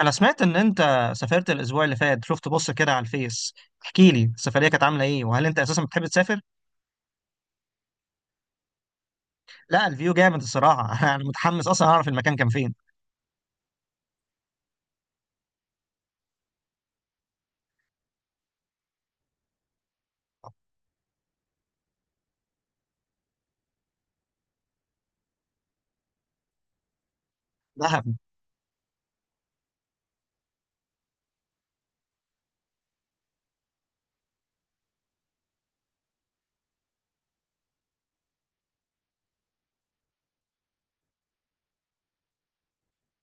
انا سمعت ان انت سافرت الاسبوع اللي فات. شفت؟ بص كده على الفيس. احكي لي، السفريه كانت عامله ايه؟ وهل انت اساسا بتحب تسافر؟ لا، الفيو جامد الصراحه. انا متحمس اصلا اعرف المكان كان فين. دهب.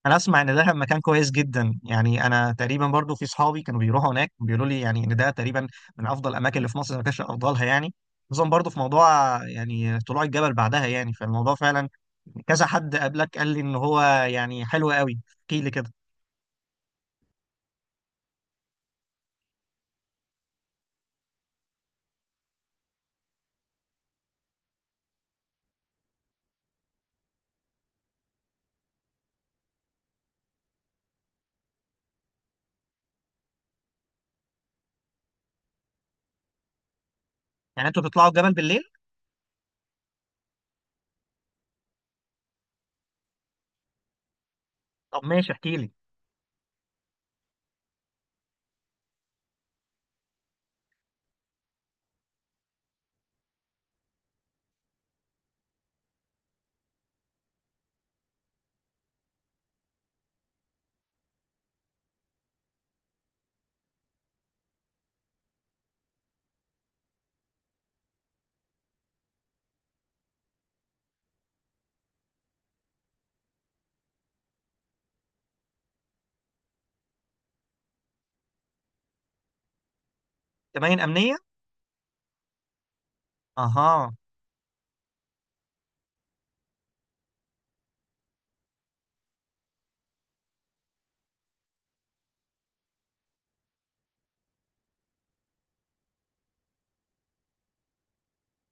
انا اسمع ان دهب مكان كويس جدا، يعني انا تقريبا برضو في صحابي كانوا بيروحوا هناك بيقولوا لي يعني ان ده تقريبا من افضل الاماكن اللي في مصر، ما كانش افضلها يعني. خصوصا برضو في موضوع يعني طلوع الجبل بعدها، يعني فالموضوع فعلا كذا حد قبلك قال لي ان هو يعني حلو قوي. احكي لي كده. يعني انتوا بتطلعوا الجبل بالليل؟ طب ماشي، احكي لي. كمائن امنيه. اها.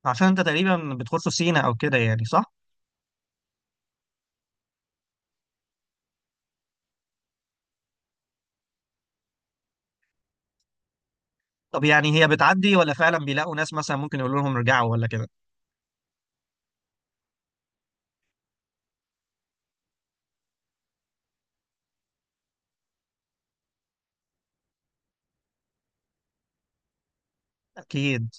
عشان انت تقريبا بتخش في سينا او كده، يعني صح؟ طب يعني هي بتعدي ولا فعلا بيلاقوا ناس مثلا ممكن يقولوا لهم ارجعوا ولا كده؟ اكيد.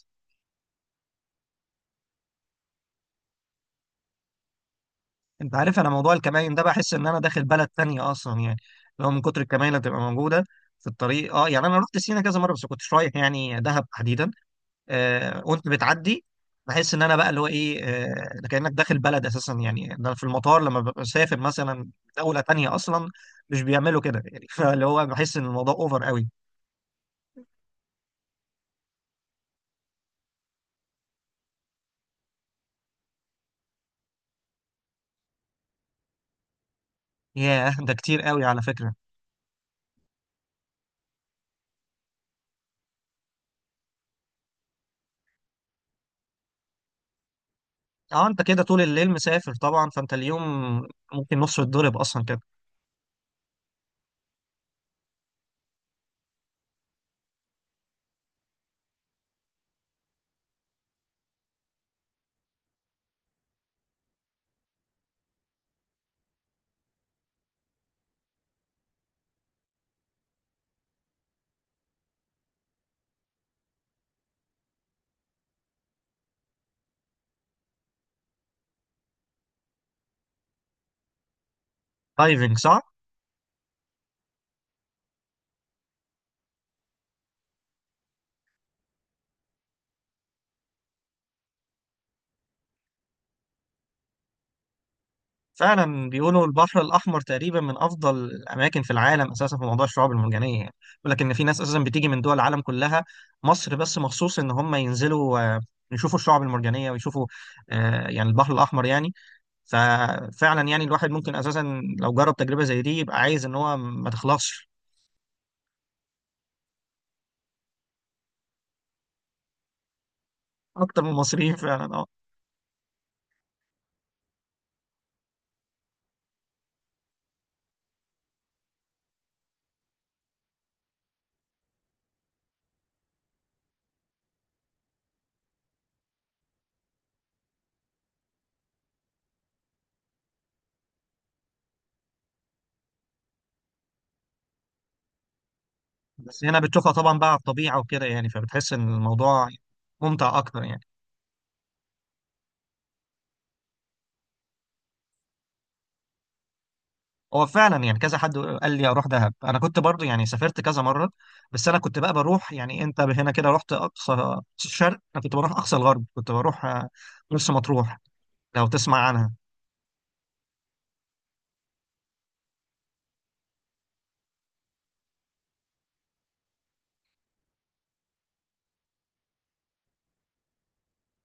انت عارف، انا موضوع الكمائن ده بحس ان انا داخل بلد تانية اصلا يعني، لو من كتر الكمائن اللي بتبقى موجوده في الطريق. اه يعني انا رحت سينا كذا مره بس كنتش رايح يعني دهب تحديدا. وانت بتعدي بحس ان انا بقى اللي هو ايه، ده كانك داخل بلد اساسا يعني، ده في المطار لما ببقى مسافر مثلا دوله تانية اصلا مش بيعملوا كده يعني. فاللي هو بحس ان الموضوع اوفر قوي. ياه، ده كتير قوي على فكرة. اه، انت كده طول الليل مسافر طبعا، فانت اليوم ممكن نصه يتضرب اصلا كده. دايفنج صح؟ فعلا بيقولوا البحر الاحمر تقريبا من افضل الاماكن في العالم اساسا في موضوع الشعاب المرجانية يعني. بيقول لك ان في ناس اساسا بتيجي من دول العالم كلها مصر بس مخصوص ان هم ينزلوا، يشوفوا الشعاب المرجانية ويشوفوا، يعني البحر الاحمر يعني. ففعلا يعني الواحد ممكن اساسا لو جرب تجربة زي دي يبقى عايز ان هو ما تخلصش. اكتر من المصريين فعلا، اه. بس هنا بتشوفها طبعا بقى على الطبيعه وكده يعني، فبتحس ان الموضوع ممتع اكتر يعني. هو فعلا يعني كذا حد قال لي اروح دهب. انا كنت برضو يعني سافرت كذا مره، بس انا كنت بقى بروح، يعني انت هنا كده رحت أقصى الشرق، انا كنت بروح اقصى الغرب. كنت بروح مرسى مطروح، لو تسمع عنها.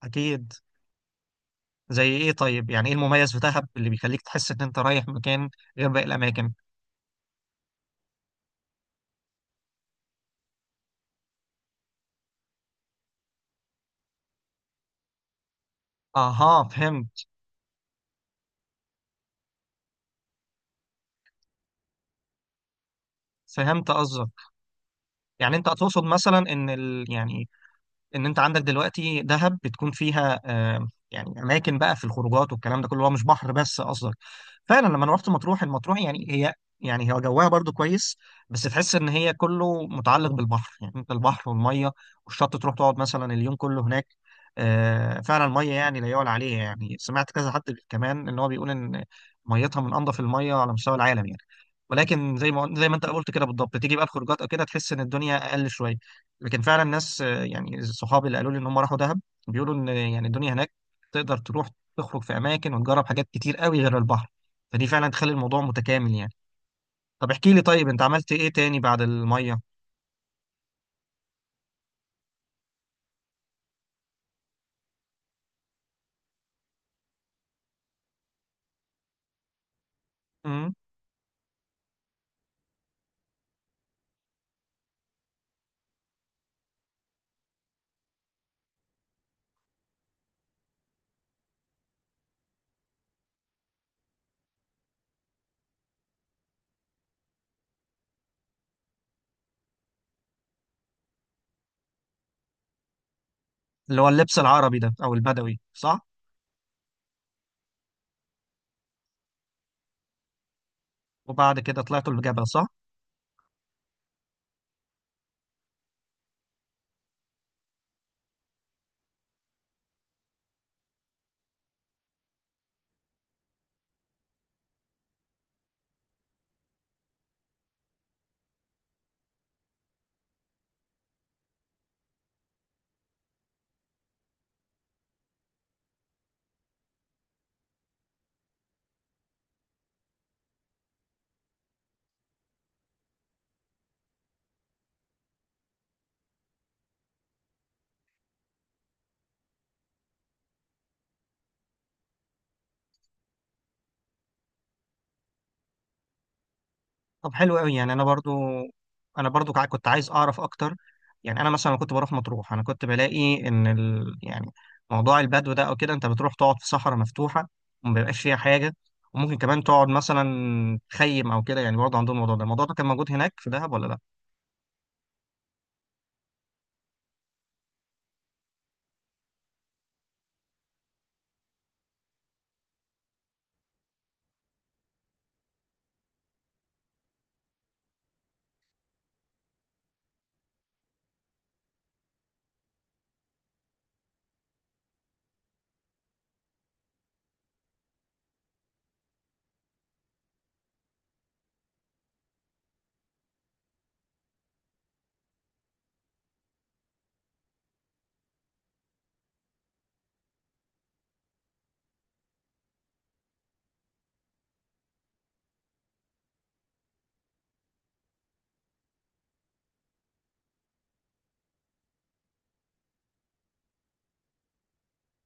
اكيد. زي ايه طيب؟ يعني ايه المميز في دهب اللي بيخليك تحس ان انت رايح مكان غير باقي الاماكن؟ اها، فهمت. فهمت قصدك. يعني انت تقصد مثلا ان يعني ان انت عندك دلوقتي دهب بتكون فيها، يعني اماكن بقى في الخروجات والكلام ده كله، هو مش بحر بس قصدك. فعلا لما أنا رحت مطروح، المطروح يعني هي، يعني هو جواها برضو كويس بس تحس ان هي كله متعلق بالبحر، يعني انت البحر والميه والشط، تروح تقعد مثلا اليوم كله هناك. فعلا الميه يعني لا يعلى عليها، يعني سمعت كذا حد كمان ان هو بيقول ان ميتها من انظف الميه على مستوى العالم يعني. ولكن زي ما انت قلت كده بالضبط، تيجي بقى الخروجات او كده تحس ان الدنيا اقل شويه. لكن فعلا ناس، يعني صحابي اللي قالوا لي ان هم راحوا دهب بيقولوا ان يعني الدنيا هناك تقدر تروح تخرج في اماكن وتجرب حاجات كتير قوي غير البحر، فدي فعلا تخلي الموضوع متكامل يعني. طب احكي لي، طيب انت عملت ايه تاني بعد الميه؟ امم. اللي هو اللبس العربي ده او البدوي، صح؟ وبعد كده طلعتوا الجبل صح؟ طب حلو قوي يعني. انا برضو، كنت عايز اعرف اكتر. يعني انا مثلا كنت بروح مطروح، انا كنت بلاقي ان يعني موضوع البدو ده او كده، انت بتروح تقعد في صحراء مفتوحه وما بيبقاش فيها حاجه، وممكن كمان تقعد مثلا تخيم او كده يعني. برضه عندهم الموضوع ده، كان موجود هناك في دهب ولا لا؟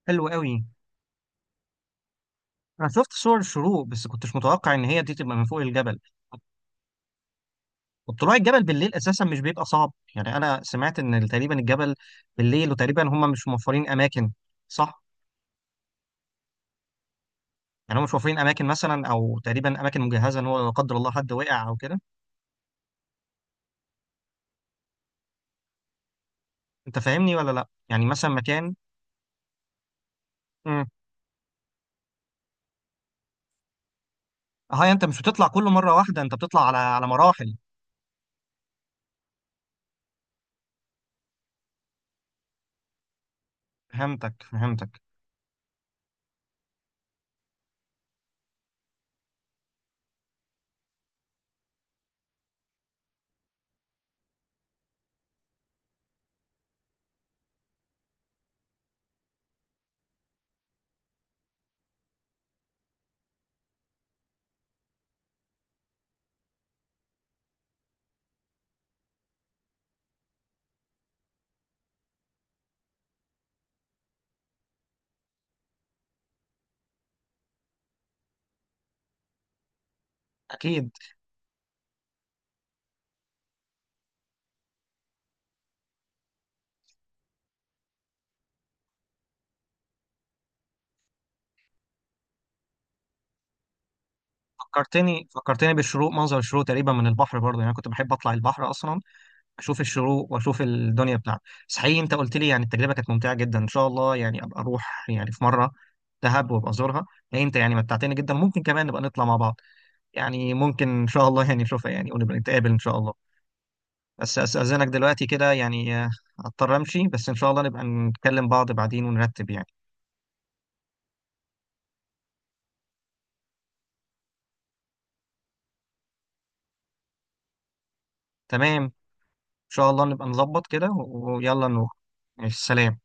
حلو قوي. انا شفت صور الشروق بس كنتش متوقع ان هي دي تبقى من فوق الجبل. وطلوع الجبل بالليل اساسا مش بيبقى صعب؟ يعني انا سمعت ان تقريبا الجبل بالليل وتقريبا هم مش موفرين اماكن، صح؟ يعني هم مش وفرين اماكن مثلا، او تقريبا اماكن مجهزه ان هو لا قدر الله حد وقع او كده. انت فاهمني ولا لا؟ يعني مثلا مكان. امم. هاي، انت مش بتطلع كله مره واحده، انت بتطلع على مراحل. فهمتك فهمتك. اكيد. فكرتني فكرتني بالشروق، منظر الشروق تقريبا من البحر برضه، يعني أنا كنت بحب اطلع البحر اصلا اشوف الشروق واشوف الدنيا بتاعته. بس حقيقي انت قلت لي يعني التجربه كانت ممتعه جدا، ان شاء الله يعني ابقى اروح يعني في مره دهب وابقى ازورها. لا، انت يعني متعتني جدا. ممكن كمان نبقى نطلع مع بعض، يعني ممكن ان شاء الله يعني نشوفها يعني ونبقى نتقابل ان شاء الله. بس أستأذنك دلوقتي كده يعني، هضطر أمشي، بس إن شاء الله نبقى نتكلم بعض بعدين ونرتب يعني. تمام، إن شاء الله نبقى نظبط كده ويلا نروح. ماشي، سلام.